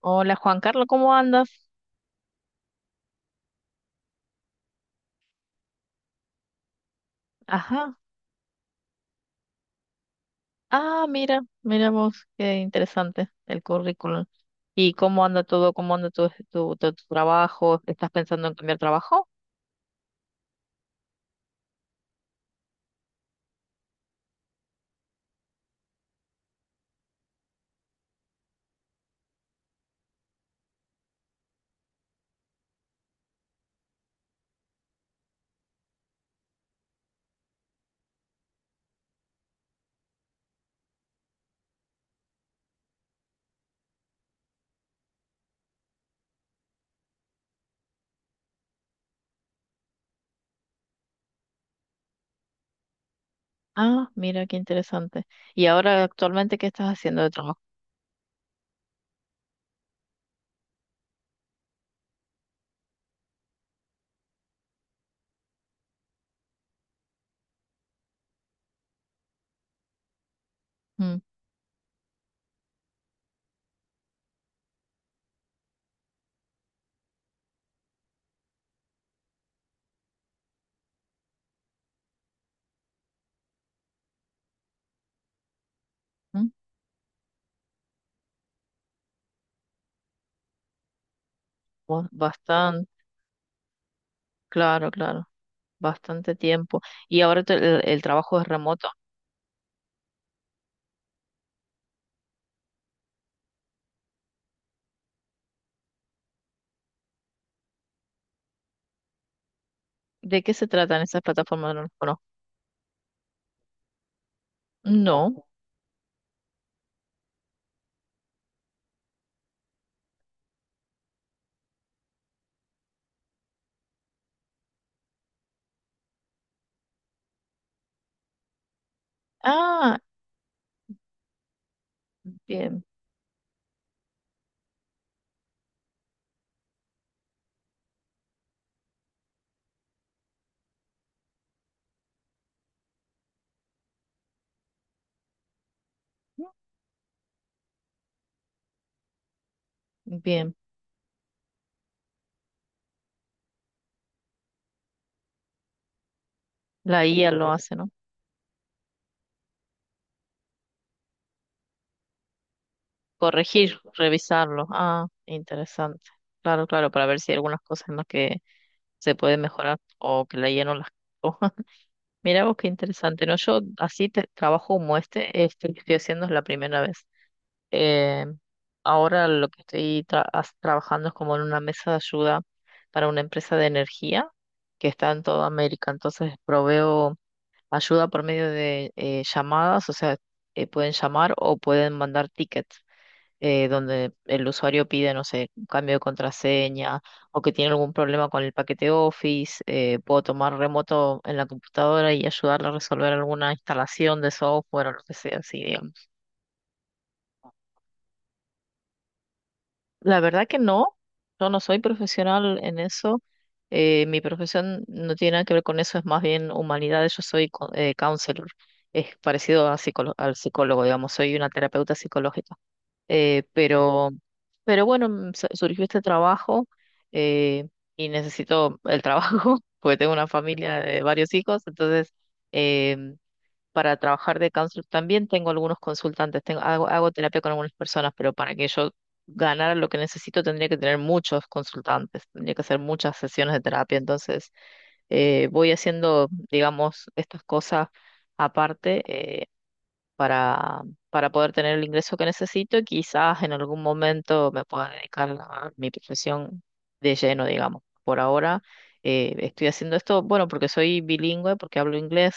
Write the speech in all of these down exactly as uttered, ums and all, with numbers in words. Hola Juan Carlos, ¿cómo andas? Ajá. Ah, mira, mira vos, qué interesante el currículum. ¿Y cómo anda todo? ¿Cómo anda tu, tu, tu- tu trabajo? ¿Estás pensando en cambiar trabajo? Ah, mira, qué interesante. ¿Y ahora actualmente qué estás haciendo de trabajo? Mm, mm, ba- Bastante, claro, claro, bastante tiempo. ¿Y ahora te- el, el trabajo es remoto? ¿De qué se tratan esas plataformas? No. Las conozco. No. Ah, bien, bien. La I A lo hace, ¿no? Corregir, revisarlo. Ah, interesante. Claro, claro, para ver si hay algunas cosas en las que se puede mejorar o que le lleno las hojas. Mira vos qué interesante, ¿no? Yo así te, trabajo como este, este que estoy haciendo es la primera vez. Eh, ahora lo que estoy tra- as- trabajando es como en una mesa de ayuda para una empresa de energía que está en toda América. Entonces proveo ayuda por medio de eh, llamadas, o sea, eh, pueden llamar o pueden mandar tickets eh, donde el usuario pide, no sé, un cambio de contraseña o que tiene algún problema con el paquete Office, eh, puedo tomar remoto en la computadora y ayudarle a resolver alguna instalación de software o lo que sea, así, digamos. La verdad que no, yo no soy profesional en eso. Eh, mi profesión no tiene nada que ver con eso, es más bien humanidades. Yo soy co- eh, counselor, es parecido a psicólo- al psicólogo, digamos, soy una terapeuta psicológica. Eh, pero, pero bueno, mm, su- surgió este trabajo eh, y necesito el trabajo porque tengo una familia de varios hijos. Entonces, em, para trabajar de counselor también tengo algunos consultantes. Tengo, hago, hago terapia con algunas personas, pero para que yo ganara lo que necesito tendría que tener muchos consultantes, tendría que hacer muchas sesiones de terapia. Entonces, eh, voy haciendo, digamos, estas cosas aparte. eh, para, para poder tener el ingreso que necesito y quizás en algún momento me pueda dedicar a mi profesión de lleno, digamos. Por ahora eh, estoy haciendo esto, bueno, porque soy bilingüe, porque hablo inglés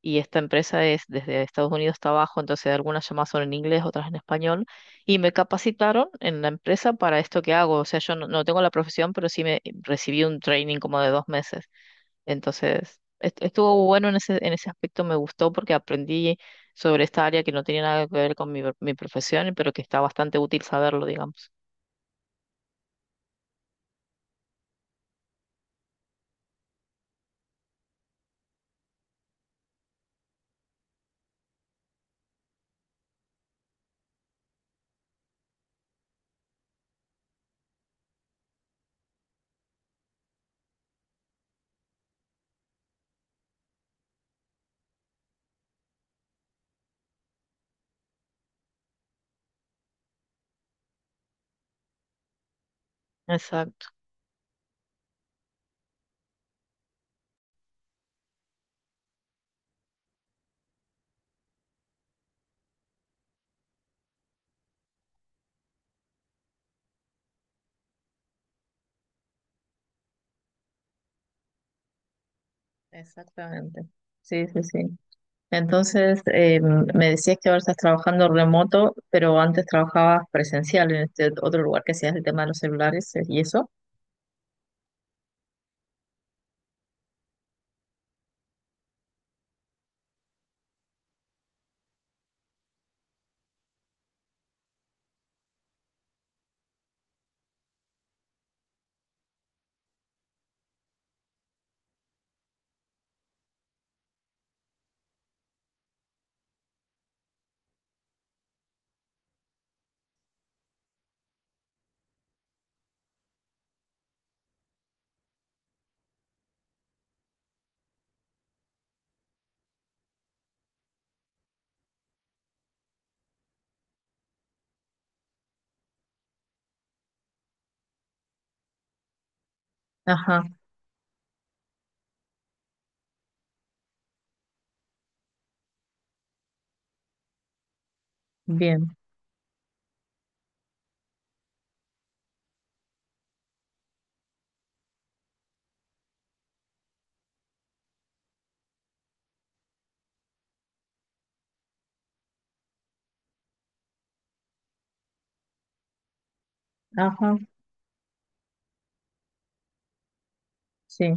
y esta empresa es desde Estados Unidos hasta abajo, entonces algunas llamadas son en inglés, otras en español y me capacitaron en la empresa para esto que hago. O sea, yo no, no tengo la profesión, pero sí me recibí un training como de dos meses. Entonces, est- estuvo bueno en ese, en ese aspecto, me gustó porque aprendí sobre esta área que no tenía nada que ver con mi, mi profesión, pero que está bastante útil saberlo, digamos. Exacto. Exactamente. Sí, sí, sí. Entonces, eh, me decías que ahora estás trabajando remoto, pero antes trabajabas presencial en este otro lugar que hacías el tema de los celulares eh, y eso. Ajá, bien. Ajá, sí.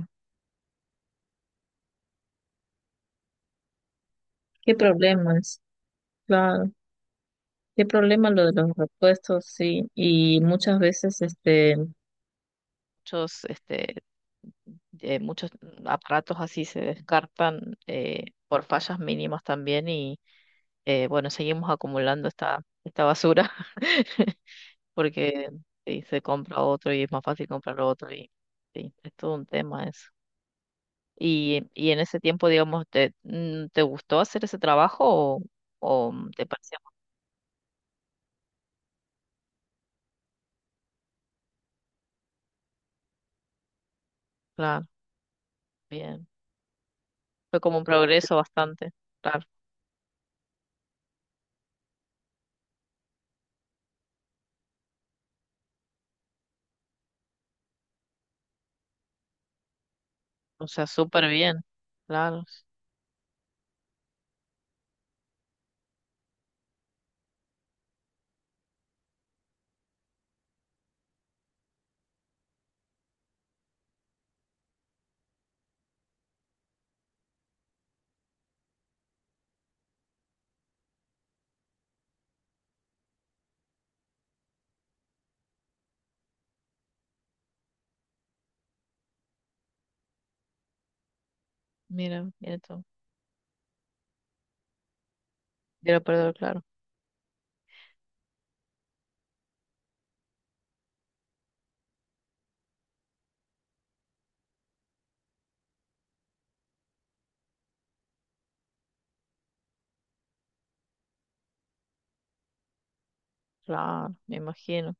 ¿Qué problemas? Claro. ¿Qué problema lo de los repuestos? Sí. Y muchas veces, este, muchos, este, eh, muchos aparatos así se descartan eh, por fallas mínimas también y eh, bueno, seguimos acumulando esta, esta basura porque sí, se compra otro y es más fácil comprar otro y sí, es todo un tema eso. Y, y en ese tiempo, digamos, ¿te, mm, te gustó hacer ese trabajo o, o te parecía más claro? Bien. Fue como un progreso bastante, claro. O sea, súper bien. Claro. Mira, mira tú. De lo perdedor, claro, claro, me imagino,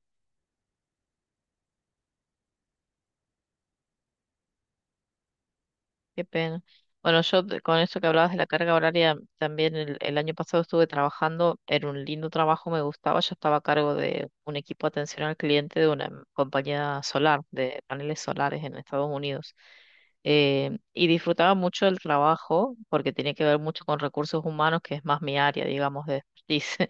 qué pena. Bueno, yo te- con eso que hablabas de la carga horaria, también el, el año pasado estuve trabajando, era un lindo trabajo, me gustaba, yo estaba a cargo de un equipo de atención al cliente de una em- compañía solar, de paneles solares en Estados Unidos. Eh, y disfrutaba mucho el trabajo porque tenía que ver mucho con recursos humanos, que es más mi área, digamos, de expertise.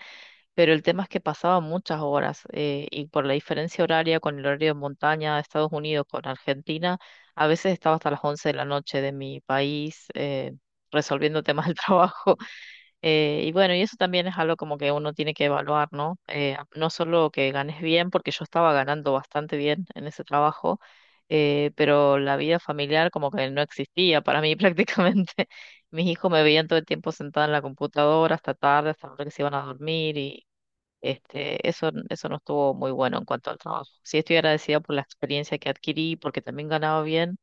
Pero el tema es que pasaba muchas horas eh, y por la diferencia horaria con el horario de montaña de Estados Unidos con Argentina, a veces estaba hasta las once de la noche de mi país eh, resolviendo temas del trabajo. Eh, y bueno, y eso también es algo como que uno tiene que evaluar, ¿no? Eh, no solo que ganes bien, porque yo estaba ganando bastante bien en ese trabajo. Eh, pero la vida familiar como que no existía para mí prácticamente. Mis hijos me veían todo el tiempo sentada en la computadora hasta tarde, hasta la hora que se iban a dormir y este, eso, eso no estuvo muy bueno en cuanto al trabajo. Sí estoy agradecida por la experiencia que adquirí, porque también ganaba bien,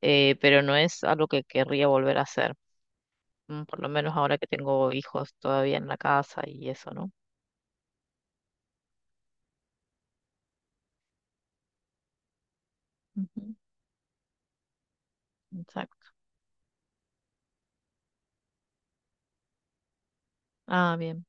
eh, pero no es algo que querría volver a hacer, mm, por lo menos ahora que tengo hijos todavía en la casa y eso, ¿no? Ujú, exacto. Ah, bien,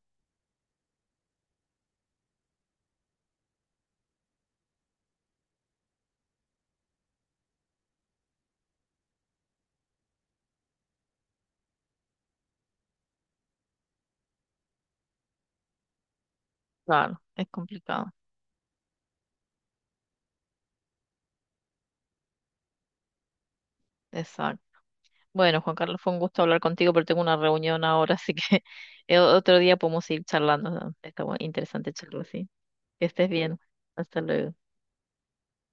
claro, es complicado. Exacto. Bueno, Juan Carlos, fue un gusto hablar contigo, pero tengo una reunión ahora, así que eh, otro día podemos seguir charlando. ¿No? Está bu- interesante charlar, sí. Que estés bien. Hasta luego.